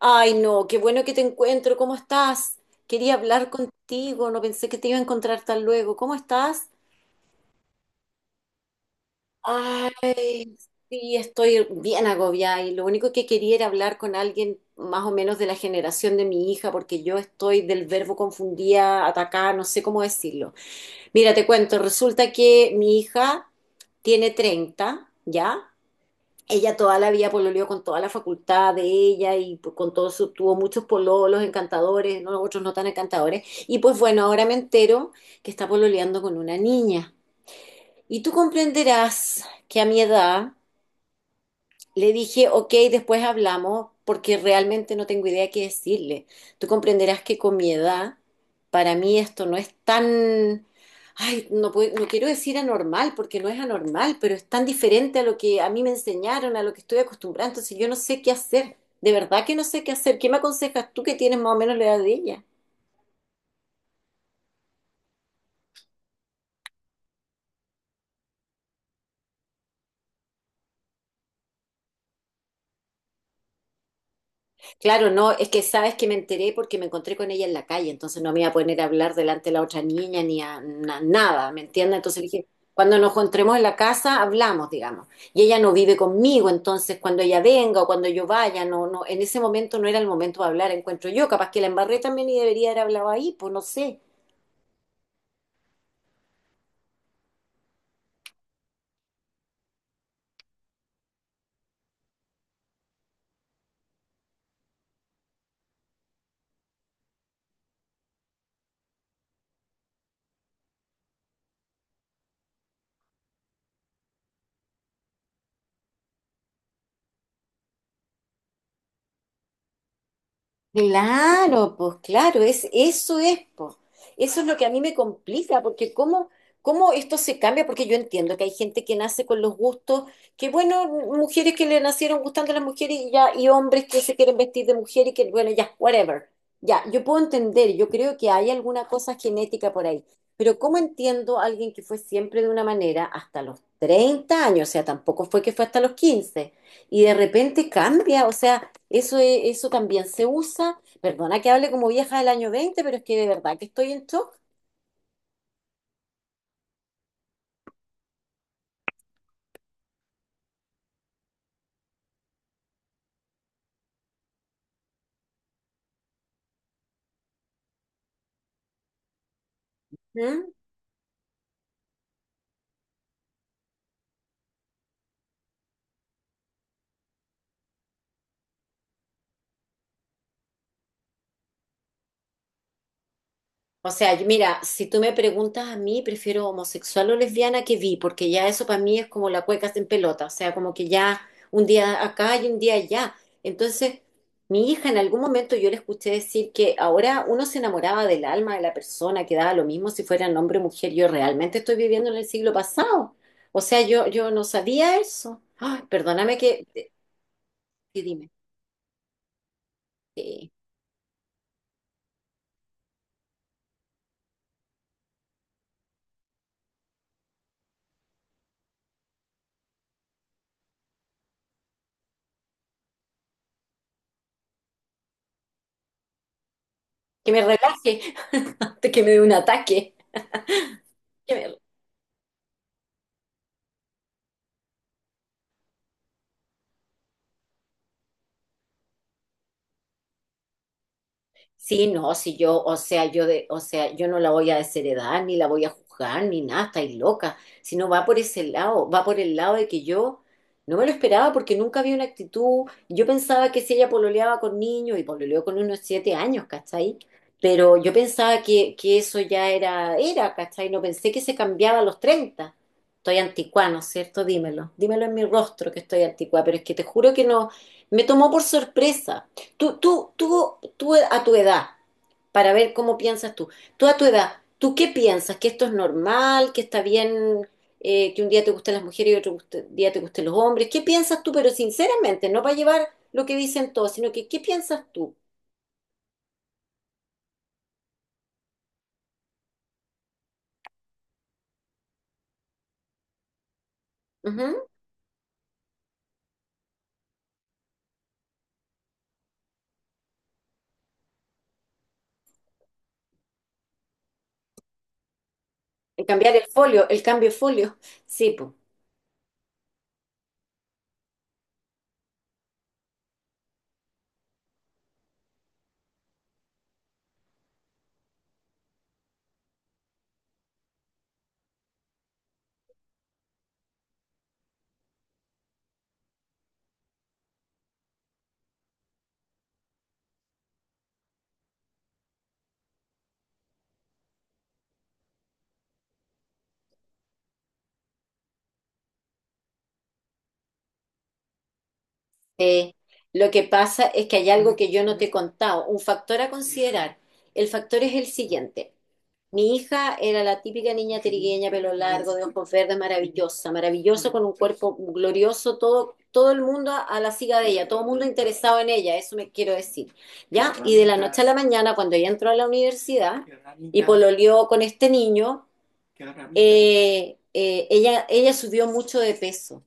Ay, no, qué bueno que te encuentro. ¿Cómo estás? Quería hablar contigo, no pensé que te iba a encontrar tan luego. ¿Cómo estás? Ay, sí, estoy bien agobiada y lo único que quería era hablar con alguien más o menos de la generación de mi hija, porque yo estoy del verbo confundía, atacar, no sé cómo decirlo. Mira, te cuento, resulta que mi hija tiene 30, ¿ya? Ella toda la vida pololeó con toda la facultad de ella y pues, con todo su, tuvo muchos pololos encantadores, ¿no? Otros no tan encantadores. Y pues bueno, ahora me entero que está pololeando con una niña. Y tú comprenderás que a mi edad le dije, ok, después hablamos porque realmente no tengo idea qué decirle. Tú comprenderás que con mi edad, para mí esto no es tan, ay, no, no quiero decir anormal porque no es anormal, pero es tan diferente a lo que a mí me enseñaron, a lo que estoy acostumbrada. Entonces yo no sé qué hacer. De verdad que no sé qué hacer. ¿Qué me aconsejas tú que tienes más o menos la edad de ella? Claro, no, es que sabes que me enteré porque me encontré con ella en la calle, entonces no me iba a poner a hablar delante de la otra niña ni a nada, ¿me entiendes? Entonces le dije, cuando nos encontremos en la casa, hablamos, digamos. Y ella no vive conmigo, entonces cuando ella venga o cuando yo vaya, no, no, en ese momento no era el momento de hablar, encuentro yo, capaz que la embarré también y debería haber hablado ahí, pues no sé. Claro, pues claro, es, eso es, pues. Eso es lo que a mí me complica, porque cómo, cómo esto se cambia, porque yo entiendo que hay gente que nace con los gustos, que bueno, mujeres que le nacieron gustando a las mujeres y ya, y hombres que se quieren vestir de mujer y que bueno, ya, whatever. Ya, yo puedo entender, yo creo que hay alguna cosa genética por ahí, pero ¿cómo entiendo a alguien que fue siempre de una manera hasta los 30 años? O sea, tampoco fue que fue hasta los 15 y de repente cambia, o sea... Eso, eso también se usa. Perdona que hable como vieja del año 20 pero es que de verdad que estoy en shock. ¿Mm? O sea, mira, si tú me preguntas a mí, prefiero homosexual o lesbiana que vi, porque ya eso para mí es como la cueca en pelota, o sea, como que ya un día acá y un día allá. Entonces, mi hija en algún momento yo le escuché decir que ahora uno se enamoraba del alma de la persona, que daba lo mismo si fueran hombre o mujer. Yo realmente estoy viviendo en el siglo pasado. O sea, yo no sabía eso. Ay, perdóname que... Que dime. Sí. Que me relaje, antes que me dé un ataque. Que me. Sí, no, si yo, o sea, yo de, o sea, yo no la voy a desheredar, ni la voy a juzgar, ni nada, estáis loca. Si no va por ese lado, va por el lado de que yo no me lo esperaba porque nunca había una actitud. Yo pensaba que si ella pololeaba con niños, y pololeó con unos 7 años, ¿cachai? Pero yo pensaba que eso ya era, era, ¿cachai? No pensé que se cambiaba a los 30. Estoy anticuá, ¿no es cierto? Dímelo, dímelo en mi rostro que estoy anticuá, pero es que te juro que no, me tomó por sorpresa. Tú a tu edad, para ver cómo piensas tú, tú a tu edad, ¿tú qué piensas? ¿Que esto es normal? ¿Que está bien que un día te gusten las mujeres y otro día te gusten los hombres? ¿Qué piensas tú? Pero sinceramente, no para llevar lo que dicen todos, sino que ¿qué piensas tú? Ujú. El cambiar el folio, el cambio de folio. Sí, pues. Eh, lo que pasa es que hay algo que yo no te he contado, un factor a considerar. El factor es el siguiente. Mi hija era la típica niña trigueña, pelo largo, de ojos verdes, maravillosa, maravillosa, con un cuerpo glorioso, todo, todo el mundo a la siga de ella, todo el mundo interesado en ella, eso me quiero decir. ¿Ya? Y de la noche a la mañana, cuando ella entró a la universidad y pololeó con este niño, ella subió mucho de peso.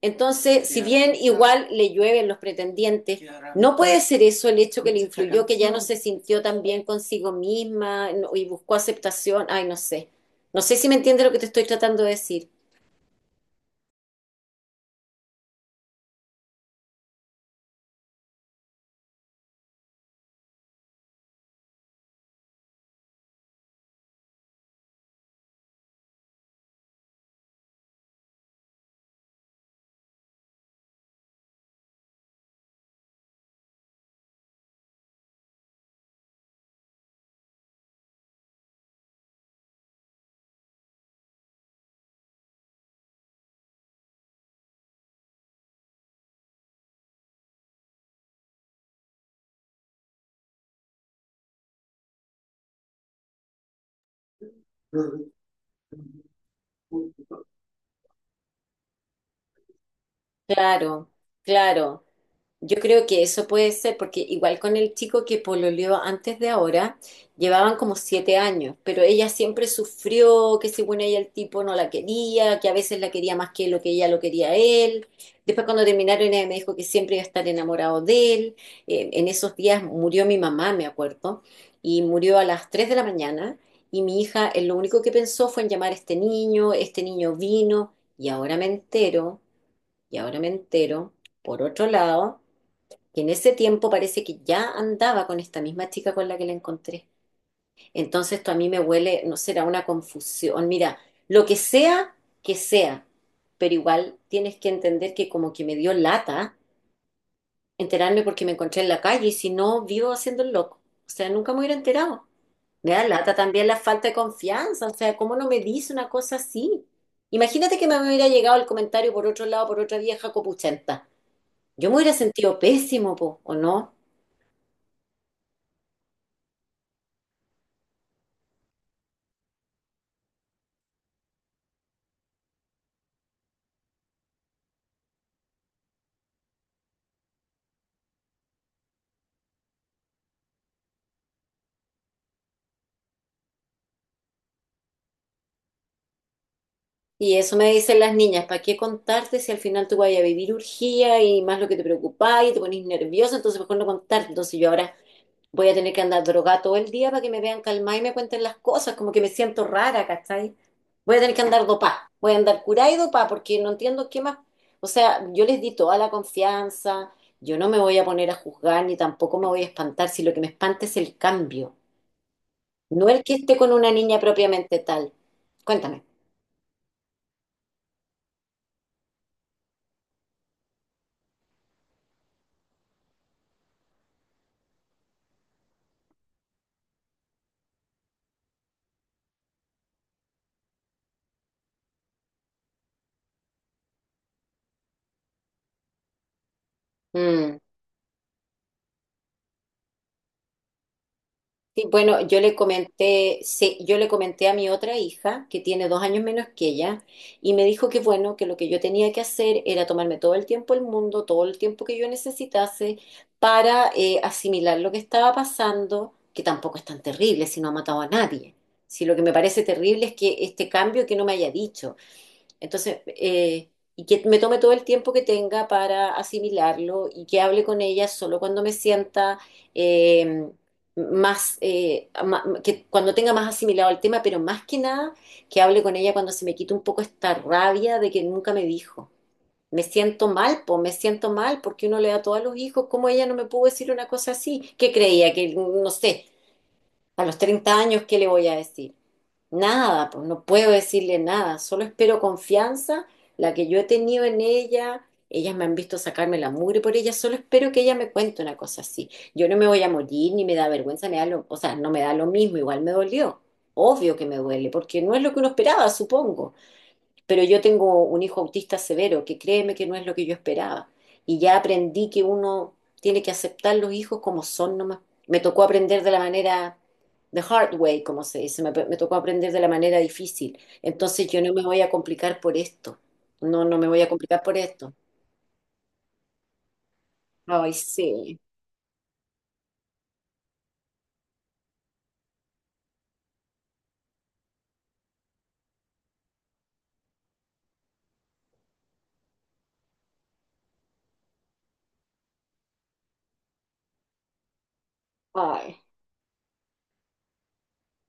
Entonces, si bien igual le llueven los pretendientes, ¿no puede ser eso el hecho que le influyó, que ya no se sintió tan bien consigo misma y buscó aceptación? Ay, no sé. No sé si me entiende lo que te estoy tratando de decir. Claro, claro. Yo creo que eso puede ser, porque igual con el chico que pololeó antes de ahora, llevaban como 7 años, pero ella siempre sufrió que según ella el tipo no la quería, que a veces la quería más que lo que ella lo quería a él. Después cuando terminaron ella me dijo que siempre iba a estar enamorado de él. En esos días murió mi mamá, me acuerdo, y murió a las 3 de la mañana, y mi hija lo único que pensó fue en llamar a este niño vino, y ahora me entero, y ahora me entero, por otro lado que en ese tiempo parece que ya andaba con esta misma chica con la que la encontré. Entonces esto a mí me huele, no será una confusión. Mira, lo que sea, pero igual tienes que entender que como que me dio lata enterarme porque me encontré en la calle y si no, vivo haciendo el loco. O sea, nunca me hubiera enterado. Me da lata también la falta de confianza, o sea, ¿cómo no me dice una cosa así? Imagínate que me hubiera llegado el comentario por otro lado, por otra vieja copuchenta. Yo me hubiera sentido pésimo, po, ¿o no? Y eso me dicen las niñas, ¿para qué contarte si al final tú vas a vivir urgía y más lo que te preocupa y te pones nerviosa? Entonces mejor no contarte. Entonces yo ahora voy a tener que andar drogada todo el día para que me vean calmada y me cuenten las cosas, como que me siento rara, ¿cachai? Voy a tener que andar dopá, voy a andar curada y dopá porque no entiendo qué más. O sea, yo les di toda la confianza, yo no me voy a poner a juzgar ni tampoco me voy a espantar si lo que me espanta es el cambio, no el que esté con una niña propiamente tal. Cuéntame. Mm. Sí, bueno, yo le comenté, sí, yo le comenté a mi otra hija, que tiene 2 años menos que ella, y me dijo que bueno, que lo que yo tenía que hacer era tomarme todo el tiempo del mundo, todo el tiempo que yo necesitase para asimilar lo que estaba pasando, que tampoco es tan terrible si no ha matado a nadie. Si lo que me parece terrible es que este cambio que no me haya dicho. Entonces, y que me tome todo el tiempo que tenga para asimilarlo y que hable con ella solo cuando me sienta eh, que cuando tenga más asimilado el tema, pero más que nada que hable con ella cuando se me quite un poco esta rabia de que nunca me dijo. Me siento mal, pues me siento mal porque uno le da todo a los hijos, ¿cómo ella no me pudo decir una cosa así? ¿Qué creía? Que, no sé, a los 30 años, ¿qué le voy a decir? Nada, pues no puedo decirle nada, solo espero confianza, la que yo he tenido en ella, ellas me han visto sacarme la mugre por ella, solo espero que ella me cuente una cosa así. Yo no me voy a morir, ni me da vergüenza, o sea, no me da lo mismo, igual me dolió. Obvio que me duele, porque no es lo que uno esperaba, supongo. Pero yo tengo un hijo autista severo, que créeme que no es lo que yo esperaba. Y ya aprendí que uno tiene que aceptar los hijos como son nomás. Me tocó aprender de la manera, the hard way, como se dice, me tocó aprender de la manera difícil. Entonces yo no me voy a complicar por esto. No, no me voy a complicar por esto. Ay, sí. Ay.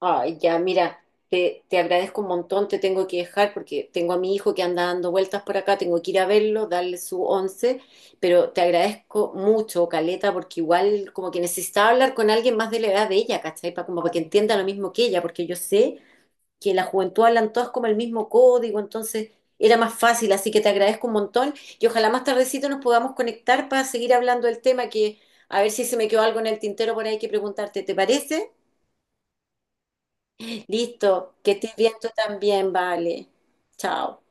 Ay, ya, mira, te agradezco un montón, te tengo que dejar porque tengo a mi hijo que anda dando vueltas por acá, tengo que ir a verlo, darle su once, pero te agradezco mucho, Caleta, porque igual como que necesitaba hablar con alguien más de la edad de ella, ¿cachai? Como para que entienda lo mismo que ella, porque yo sé que en la juventud hablan todas como el mismo código, entonces era más fácil, así que te agradezco un montón y ojalá más tardecito nos podamos conectar para seguir hablando del tema que a ver si se me quedó algo en el tintero por ahí que preguntarte, ¿te parece? Listo, que estés bien tú también, vale. Chao.